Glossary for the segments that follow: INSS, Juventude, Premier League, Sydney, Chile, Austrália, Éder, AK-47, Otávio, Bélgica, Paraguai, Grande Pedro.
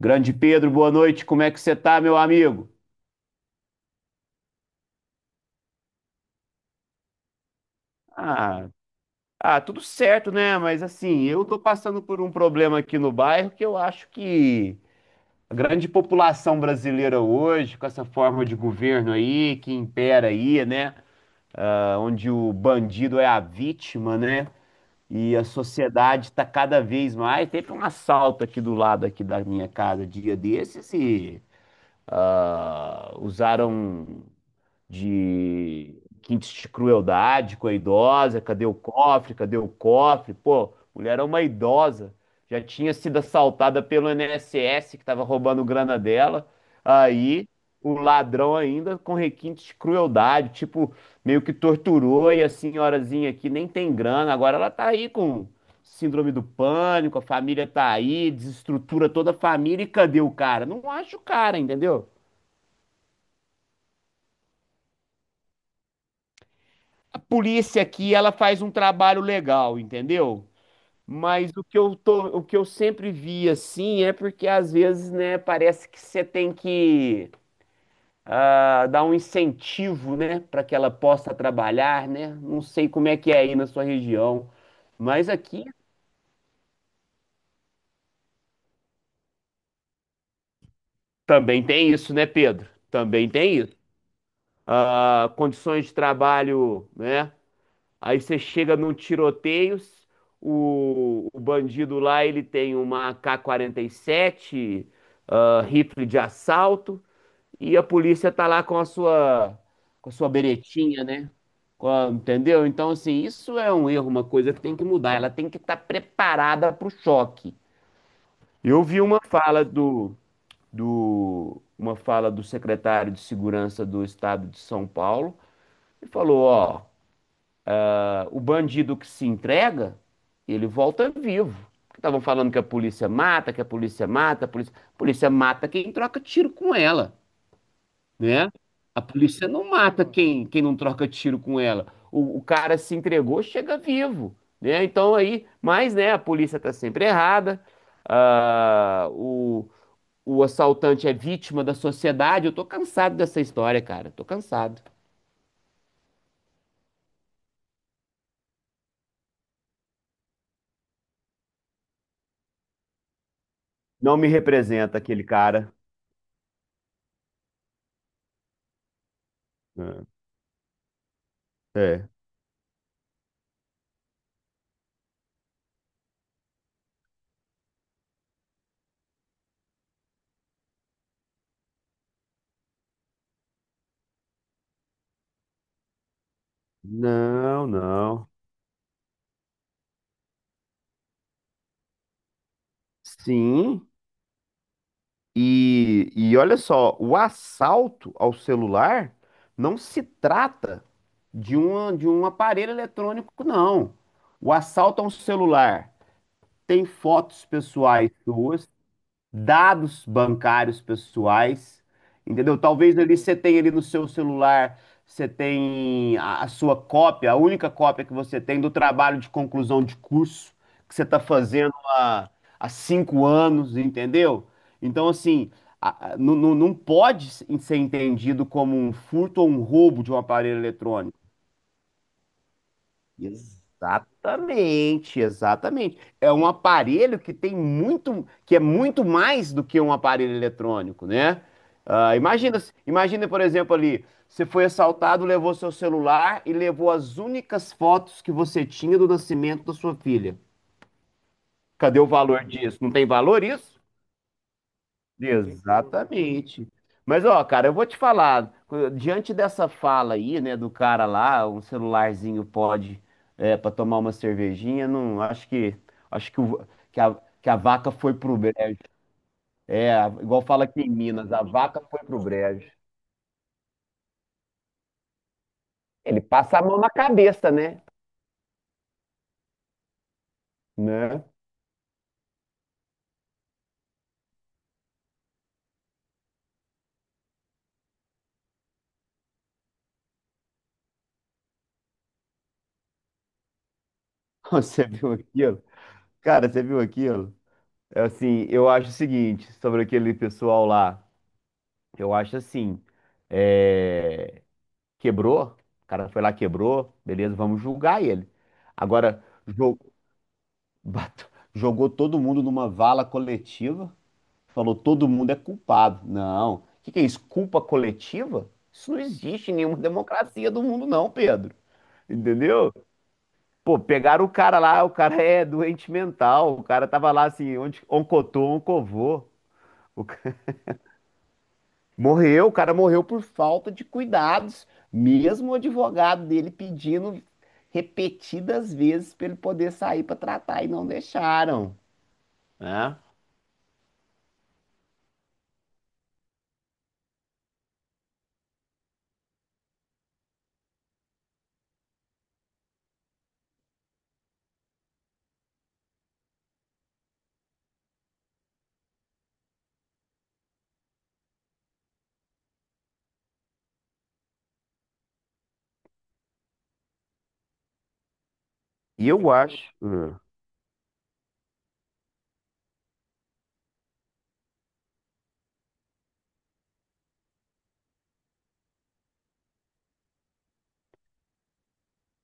Grande Pedro, boa noite. Como é que você tá, meu amigo? Ah, Tudo certo, né? Mas assim, eu tô passando por um problema aqui no bairro que eu acho que a grande população brasileira hoje, com essa forma de governo aí que impera aí, né? Onde o bandido é a vítima, né? E a sociedade tá cada vez mais. Teve um assalto aqui do lado aqui da minha casa dia desses e usaram de quintes de crueldade com a idosa, cadê o cofre, cadê o cofre? Pô, mulher é uma idosa, já tinha sido assaltada pelo INSS que estava roubando grana dela. Aí o ladrão ainda com requintes de crueldade, tipo, meio que torturou e a senhorazinha aqui nem tem grana, agora ela tá aí com síndrome do pânico, a família tá aí, desestrutura toda a família e cadê o cara? Não acho o cara, entendeu? A polícia aqui, ela faz um trabalho legal, entendeu? Mas o que eu sempre vi assim é porque às vezes, né, parece que você tem que dar um incentivo, né, para que ela possa trabalhar, né? Não sei como é que é aí na sua região, mas aqui também tem isso, né, Pedro? Também tem isso. Condições de trabalho, né? Aí você chega num tiroteio, o bandido lá ele tem uma A K AK-47, rifle de assalto, e a polícia tá lá com a sua beretinha, né? Entendeu? Então, assim, isso é um erro, uma coisa que tem que mudar. Ela tem que estar preparada para o choque. Eu vi uma fala do secretário de Segurança do Estado de São Paulo e falou, ó, o bandido que se entrega, ele volta vivo. Estavam falando que a polícia mata quem troca tiro com ela, né? A polícia não mata quem não troca tiro com ela. O cara se entregou, chega vivo, né? Então aí, mas né, a polícia tá sempre errada, ah, o, o assaltante é vítima da sociedade. Eu tô cansado dessa história, cara. Tô cansado. Não me representa aquele cara. É. É. Não, não. Sim. E olha só, o assalto ao celular não se trata de um aparelho eletrônico, não. O assalto a um celular tem fotos pessoais suas, dados bancários pessoais, entendeu? Talvez ali você tenha ali no seu celular, você tem a sua cópia, a única cópia que você tem do trabalho de conclusão de curso que você está fazendo há 5 anos, entendeu? Então, assim, não pode ser entendido como um furto ou um roubo de um aparelho eletrônico. Exatamente, exatamente. É um aparelho que é muito mais do que um aparelho eletrônico, né? Imagina, imagina, por exemplo, ali, você foi assaltado, levou seu celular e levou as únicas fotos que você tinha do nascimento da sua filha. Cadê o valor disso? Não tem valor isso? Exatamente. Mas, ó, cara, eu vou te falar, diante dessa fala aí, né, do cara lá, um celularzinho pode, para tomar uma cervejinha, não, acho acho que, o- que a, que a vaca foi pro brejo. É, igual fala aqui em Minas, a vaca foi pro brejo. Ele passa a mão na cabeça, né? Né? Você viu aquilo? Cara, você viu aquilo? É. Assim, eu acho o seguinte, sobre aquele pessoal lá, eu acho assim. é... Quebrou, o cara foi lá, quebrou, beleza, vamos julgar ele. Agora, bat- jogou todo mundo numa vala coletiva, falou todo mundo é culpado. Não, o que que é isso? Culpa coletiva? Isso não existe em nenhuma democracia do mundo, não, Pedro. Entendeu? Pô, pegaram o cara lá, o cara é doente mental, o cara tava lá assim, onde, oncotou, oncovô. Morreu, o cara morreu por falta de cuidados, mesmo o advogado dele pedindo repetidas vezes para ele poder sair para tratar e não deixaram, né? E eu acho. Hum.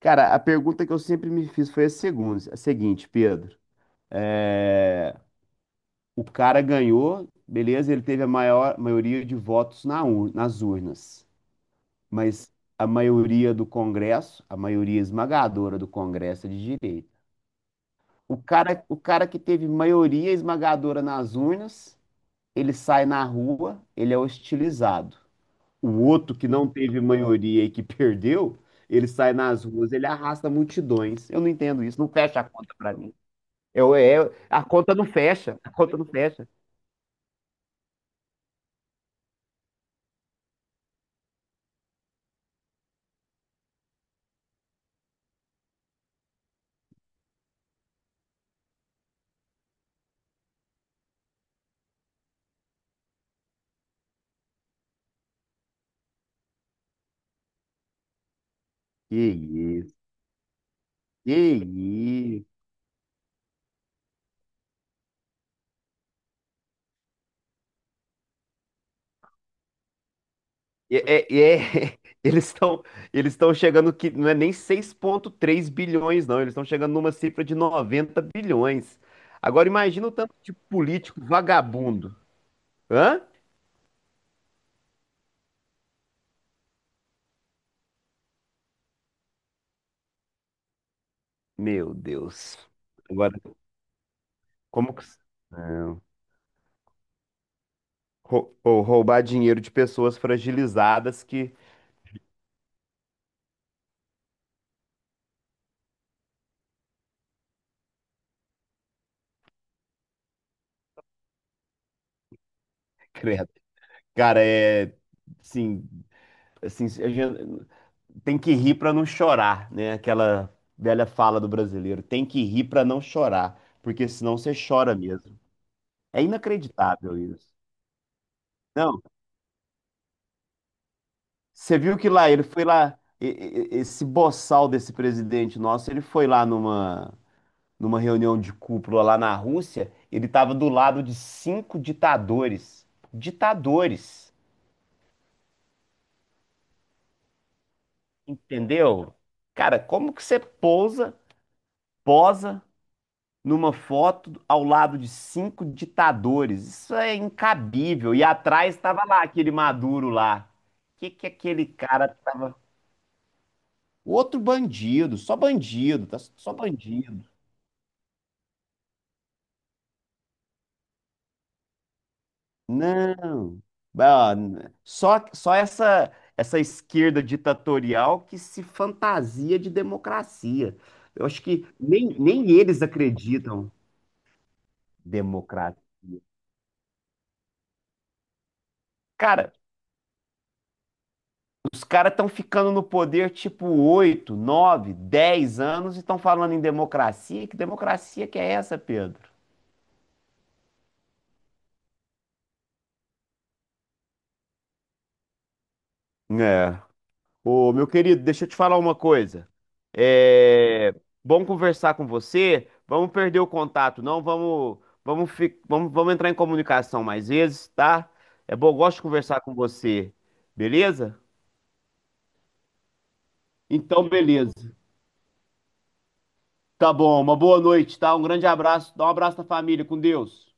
Cara, a pergunta que eu sempre me fiz foi a seguinte, Pedro. É, o cara ganhou, beleza, ele teve a maior maioria de votos nas urnas, mas a maioria do Congresso, a maioria esmagadora do Congresso é de direita. O cara que teve maioria esmagadora nas urnas, ele sai na rua, ele é hostilizado. O outro que não teve maioria e que perdeu, ele sai nas ruas, ele arrasta multidões. Eu não entendo isso, não fecha a conta pra mim. Eu, é, a conta não fecha, a conta não fecha. Que isso? que E, é- é, e é- Eles estão chegando que não é nem 6,3 bilhões, não. Eles estão chegando numa cifra de 90 bilhões. Agora imagina o tanto de político vagabundo. Hã? Meu Deus. Agora, como que. Não. Ou roubar dinheiro de pessoas fragilizadas que. Credo. Cara, é. Sim. Assim, a gente tem que rir para não chorar, né? Aquela velha fala do brasileiro, tem que rir para não chorar, porque senão você chora mesmo. É inacreditável isso. Não, você viu que lá ele foi lá, esse boçal desse presidente nosso, ele foi lá numa reunião de cúpula lá na Rússia, ele estava do lado de cinco ditadores, ditadores, entendeu? Cara, como que você posa numa foto ao lado de cinco ditadores. Isso é incabível. E atrás estava lá aquele Maduro lá. O que que aquele cara tava? Outro bandido, só bandido, tá? Só bandido. Não. Só essa esquerda ditatorial que se fantasia de democracia. Eu acho que nem eles acreditam democracia. Cara, os caras estão ficando no poder tipo 8, 9, 10 anos e estão falando em democracia. Que democracia que é essa, Pedro? É. Ô, meu querido, deixa eu te falar uma coisa. É bom conversar com você. Vamos perder o contato, não? Vamos entrar em comunicação mais vezes, tá? É bom, eu gosto de conversar com você. Beleza? Então, beleza. Tá bom, uma boa noite, tá? Um grande abraço. Dá um abraço na família, com Deus.